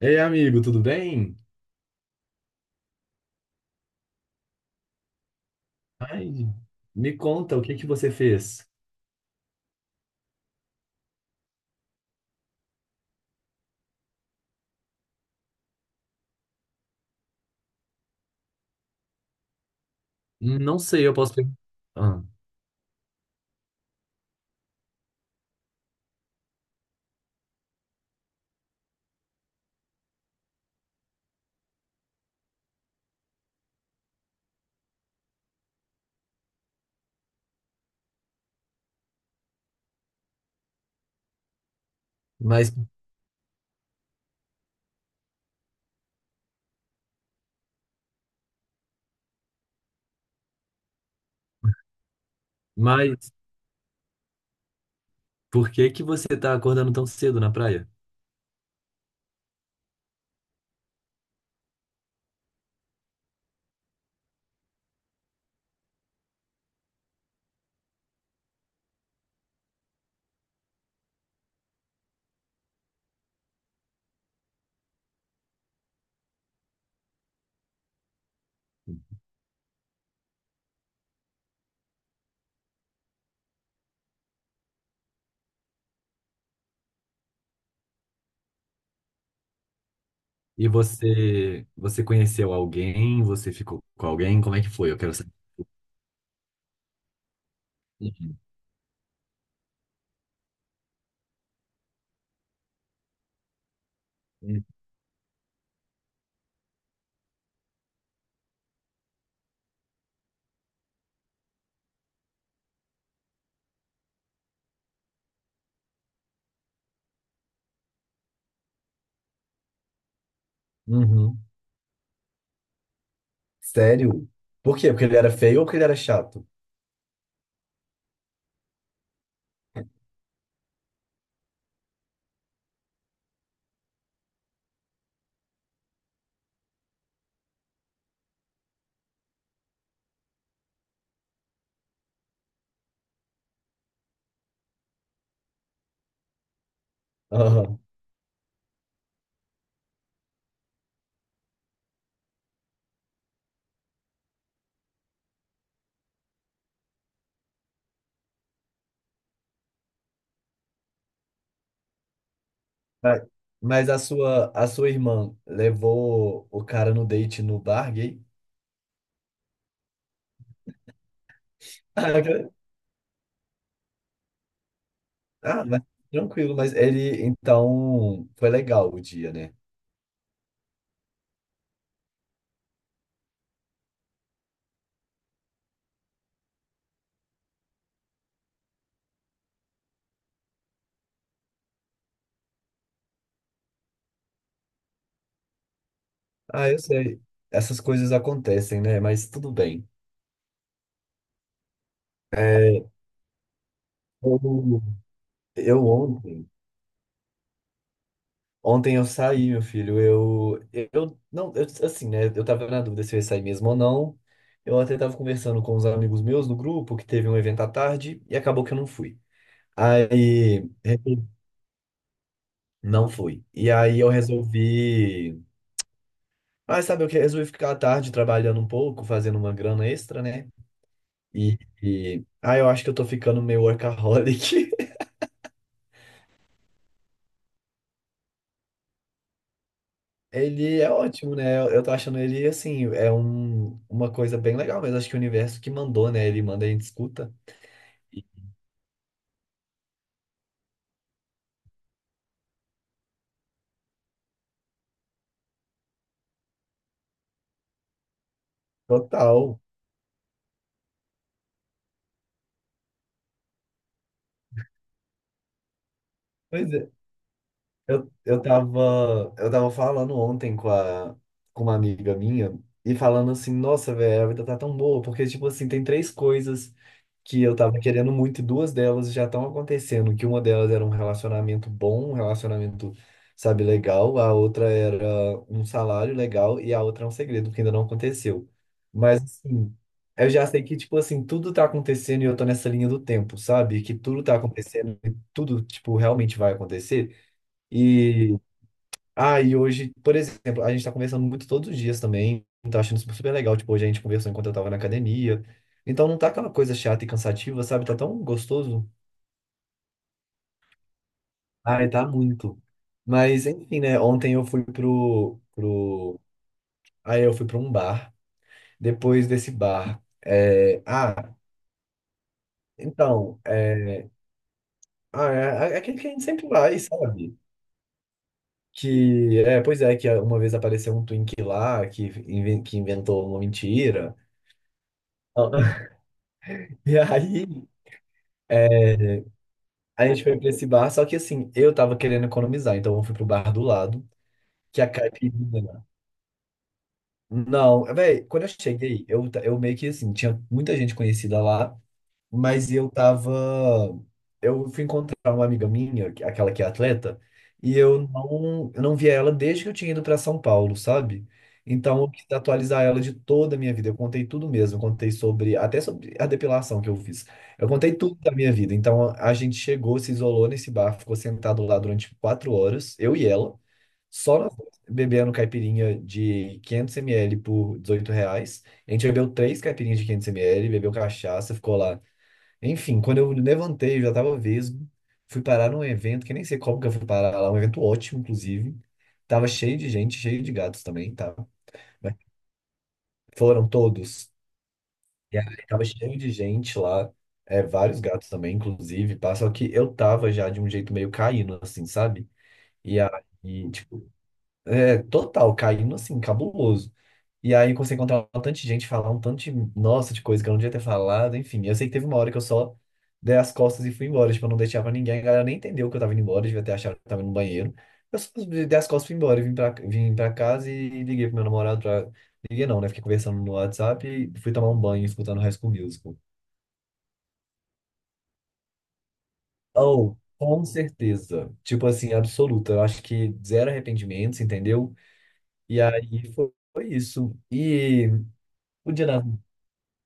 Ei, amigo, tudo bem? Ai, me conta, o que que você fez? Não sei, eu posso perguntar. Ah, mas, mas por que que você tá acordando tão cedo na praia? E você conheceu alguém? Você ficou com alguém? Como é que foi? Eu quero saber. Uhum. Uhum. Sério? Por quê? Porque ele era feio ou porque ele era chato? Aham. Mas mas a sua irmã levou o cara no date no bar gay? Ah, mas tranquilo, mas ele, então, foi legal o dia, né? Ah, eu sei. Essas coisas acontecem, né? Mas tudo bem. É, eu, eu ontem eu saí, meu filho. Eu não, eu, assim, né? Eu tava na dúvida se eu ia sair mesmo ou não. Eu até tava conversando com uns amigos meus no grupo que teve um evento à tarde e acabou que eu não fui. Aí, não fui. E aí eu resolvi. Mas sabe o que? Resolvi ficar à tarde trabalhando um pouco, fazendo uma grana extra, né? Ah, eu acho que eu tô ficando meio workaholic. Ele é ótimo, né? Eu tô achando ele, assim, é uma coisa bem legal, mas acho que o universo que mandou, né? Ele manda e a gente escuta. Total. Pois é. Eu tava falando ontem com uma amiga minha e falando assim, nossa, velho, a vida tá tão boa, porque, tipo assim, tem três coisas que eu tava querendo muito, e duas delas já estão acontecendo, que uma delas era um relacionamento bom, um relacionamento, sabe, legal, a outra era um salário legal e a outra é um segredo, que ainda não aconteceu. Mas, assim, eu já sei que, tipo assim, tudo tá acontecendo e eu tô nessa linha do tempo, sabe? Que tudo tá acontecendo e tudo, tipo, realmente vai acontecer. e e hoje, por exemplo, a gente tá conversando muito todos os dias também. Tá achando super super legal. Tipo, hoje a gente conversou enquanto eu tava na academia. Então não tá aquela coisa chata e cansativa, sabe? Tá tão gostoso. Ai, tá muito. Mas, enfim, né? Ontem eu fui pro... Aí eu fui pra um bar. Depois desse bar. É, ah, então, é, ah, é aquele que a gente sempre vai, sabe? Que, é, pois é, que uma vez apareceu um twink lá que, que inventou uma mentira. E aí... A gente foi pra esse bar, só que assim, eu tava querendo economizar, então eu fui pro bar do lado, que é a caipirinha. Não, velho, quando eu cheguei, eu meio que assim, tinha muita gente conhecida lá, mas eu tava. Eu fui encontrar uma amiga minha, aquela que é atleta, e eu não via ela desde que eu tinha ido para São Paulo, sabe? Então eu quis atualizar ela de toda a minha vida. Eu contei tudo mesmo. Eu contei sobre, até sobre a depilação que eu fiz. Eu contei tudo da minha vida. Então a gente chegou, se isolou nesse bar, ficou sentado lá durante 4 horas, eu e ela, só nós dois, bebendo caipirinha de 500 ml por R$ 18. A gente bebeu três caipirinhas de 500 ml, bebeu cachaça, ficou lá, enfim, quando eu levantei, eu já tava vesgo. Fui parar num evento, que nem sei como que eu fui parar lá, um evento ótimo, inclusive. Tava cheio de gente, cheio de gatos também, tá? Mas foram todos. E aí tava cheio de gente lá, é, vários gatos também, inclusive, pá. Só que eu tava já de um jeito meio caindo, assim, sabe? E aí, tipo, é, total, caindo assim, cabuloso. E aí eu comecei a encontrar um tanto de gente, falar um tanto de, nossa, de coisa que eu não devia ter falado, enfim. Eu sei que teve uma hora que eu só dei as costas e fui embora, tipo, eu não deixava pra ninguém, a galera nem entendeu que eu tava indo embora, devia ter achado que eu tava indo no banheiro. Eu só dei as costas e fui embora, e vim pra casa e liguei pro meu namorado pra... Liguei não, né? Fiquei conversando no WhatsApp e fui tomar um banho escutando High School Musical. Oh, com certeza. Tipo assim, absoluta. Eu acho que zero arrependimentos, entendeu? E aí foi isso. E o Dia das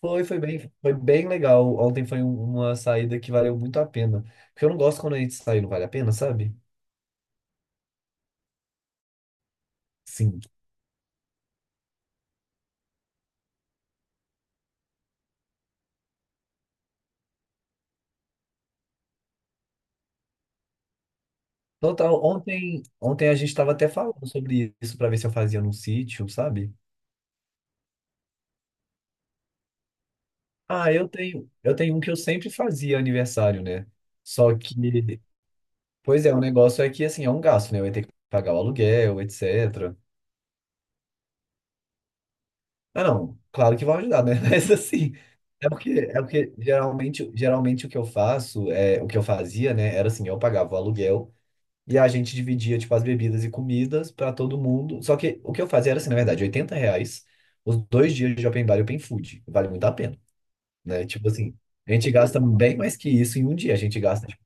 Foi bem legal. Ontem foi uma saída que valeu muito a pena. Porque eu não gosto quando a gente sai, não vale a pena, sabe? Sim. Total, ontem a gente estava até falando sobre isso para ver se eu fazia num sítio, sabe? Ah, eu tenho um que eu sempre fazia aniversário, né? Só que, pois é, o negócio é que assim, é um gasto, né? Eu ia ter que pagar o aluguel, etc. Ah, não, claro que vão ajudar, né? Mas assim, é porque geralmente o que eu faço, é, o que eu fazia, né, era assim, eu pagava o aluguel. E a gente dividia, tipo, as bebidas e comidas pra todo mundo. Só que o que eu fazia era assim, na verdade, R$ 80 os 2 dias de open bar e open food. Vale muito a pena, né? Tipo assim, a gente gasta bem mais que isso em um dia. A gente gasta, tipo,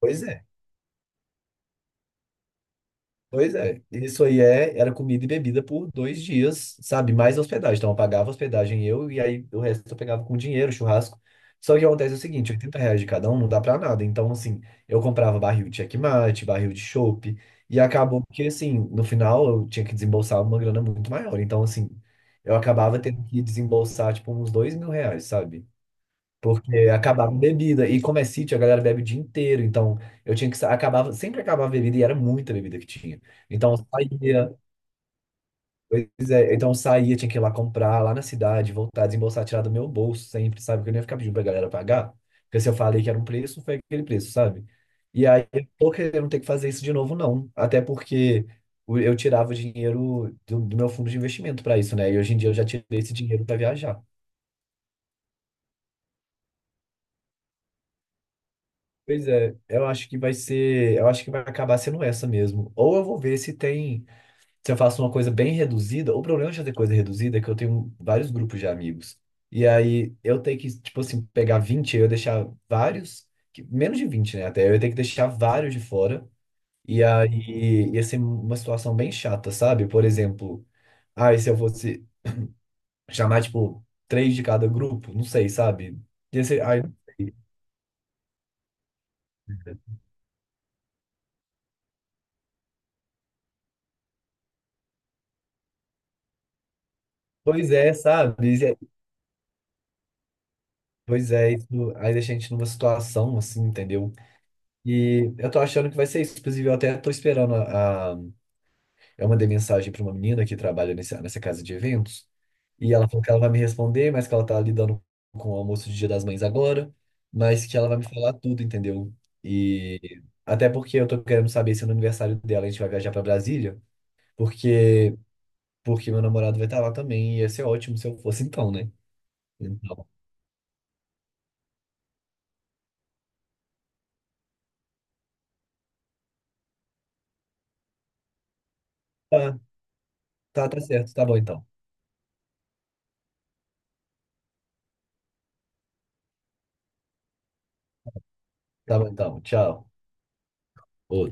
pois é. Pois é, isso aí é, era comida e bebida por 2 dias, sabe? Mais hospedagem. Então eu pagava hospedagem eu e aí o resto eu pegava com dinheiro, churrasco. Só que acontece é o seguinte, R$ 80 de cada um não dá pra nada. Então, assim, eu comprava barril de checkmate, barril de chopp, e acabou que, assim, no final eu tinha que desembolsar uma grana muito maior. Então, assim, eu acabava tendo que desembolsar, tipo, uns R$ 2.000, sabe? Porque acabava em bebida. E como é sítio, a galera bebe o dia inteiro. Então, eu tinha que... Acabava... Sempre acabava a bebida e era muita bebida que tinha. Então, eu saía... Pois é, então, eu saía, tinha que ir lá comprar, lá na cidade, voltar, desembolsar, tirar do meu bolso sempre, sabe? Porque eu não ia ficar pedindo pra galera pagar. Porque se eu falei que era um preço, foi aquele preço, sabe? E aí, eu tô querendo ter que fazer isso de novo, não. Até porque eu tirava o dinheiro do meu fundo de investimento para isso, né? E hoje em dia eu já tirei esse dinheiro para viajar. Pois é, eu acho que vai ser, eu acho que vai acabar sendo essa mesmo. Ou eu vou ver se tem, se eu faço uma coisa bem reduzida. O problema de fazer coisa reduzida é que eu tenho vários grupos de amigos. E aí eu tenho que, tipo assim, pegar 20 eu deixar vários, menos de 20, né, até, eu tenho que deixar vários de fora. E aí ia ser uma situação bem chata, sabe? Por exemplo, ah, e se eu fosse chamar, tipo, três de cada grupo, não sei, sabe? Ia ser, ai, não sei. Pois é, sabe? Pois é, isso aí deixa a gente numa situação assim, entendeu? E eu tô achando que vai ser isso. Inclusive, eu até tô esperando Eu mandei mensagem pra uma menina que trabalha nessa casa de eventos, e ela falou que ela vai me responder, mas que ela tá lidando com o almoço de Dia das Mães agora, mas que ela vai me falar tudo, entendeu? E até porque eu tô querendo saber se no aniversário dela a gente vai viajar pra Brasília, porque porque meu namorado vai estar lá também, e ia ser ótimo se eu fosse então, né? Então, tá, tá, tá certo, tá bom então. Tá bom então, tchau. Ô,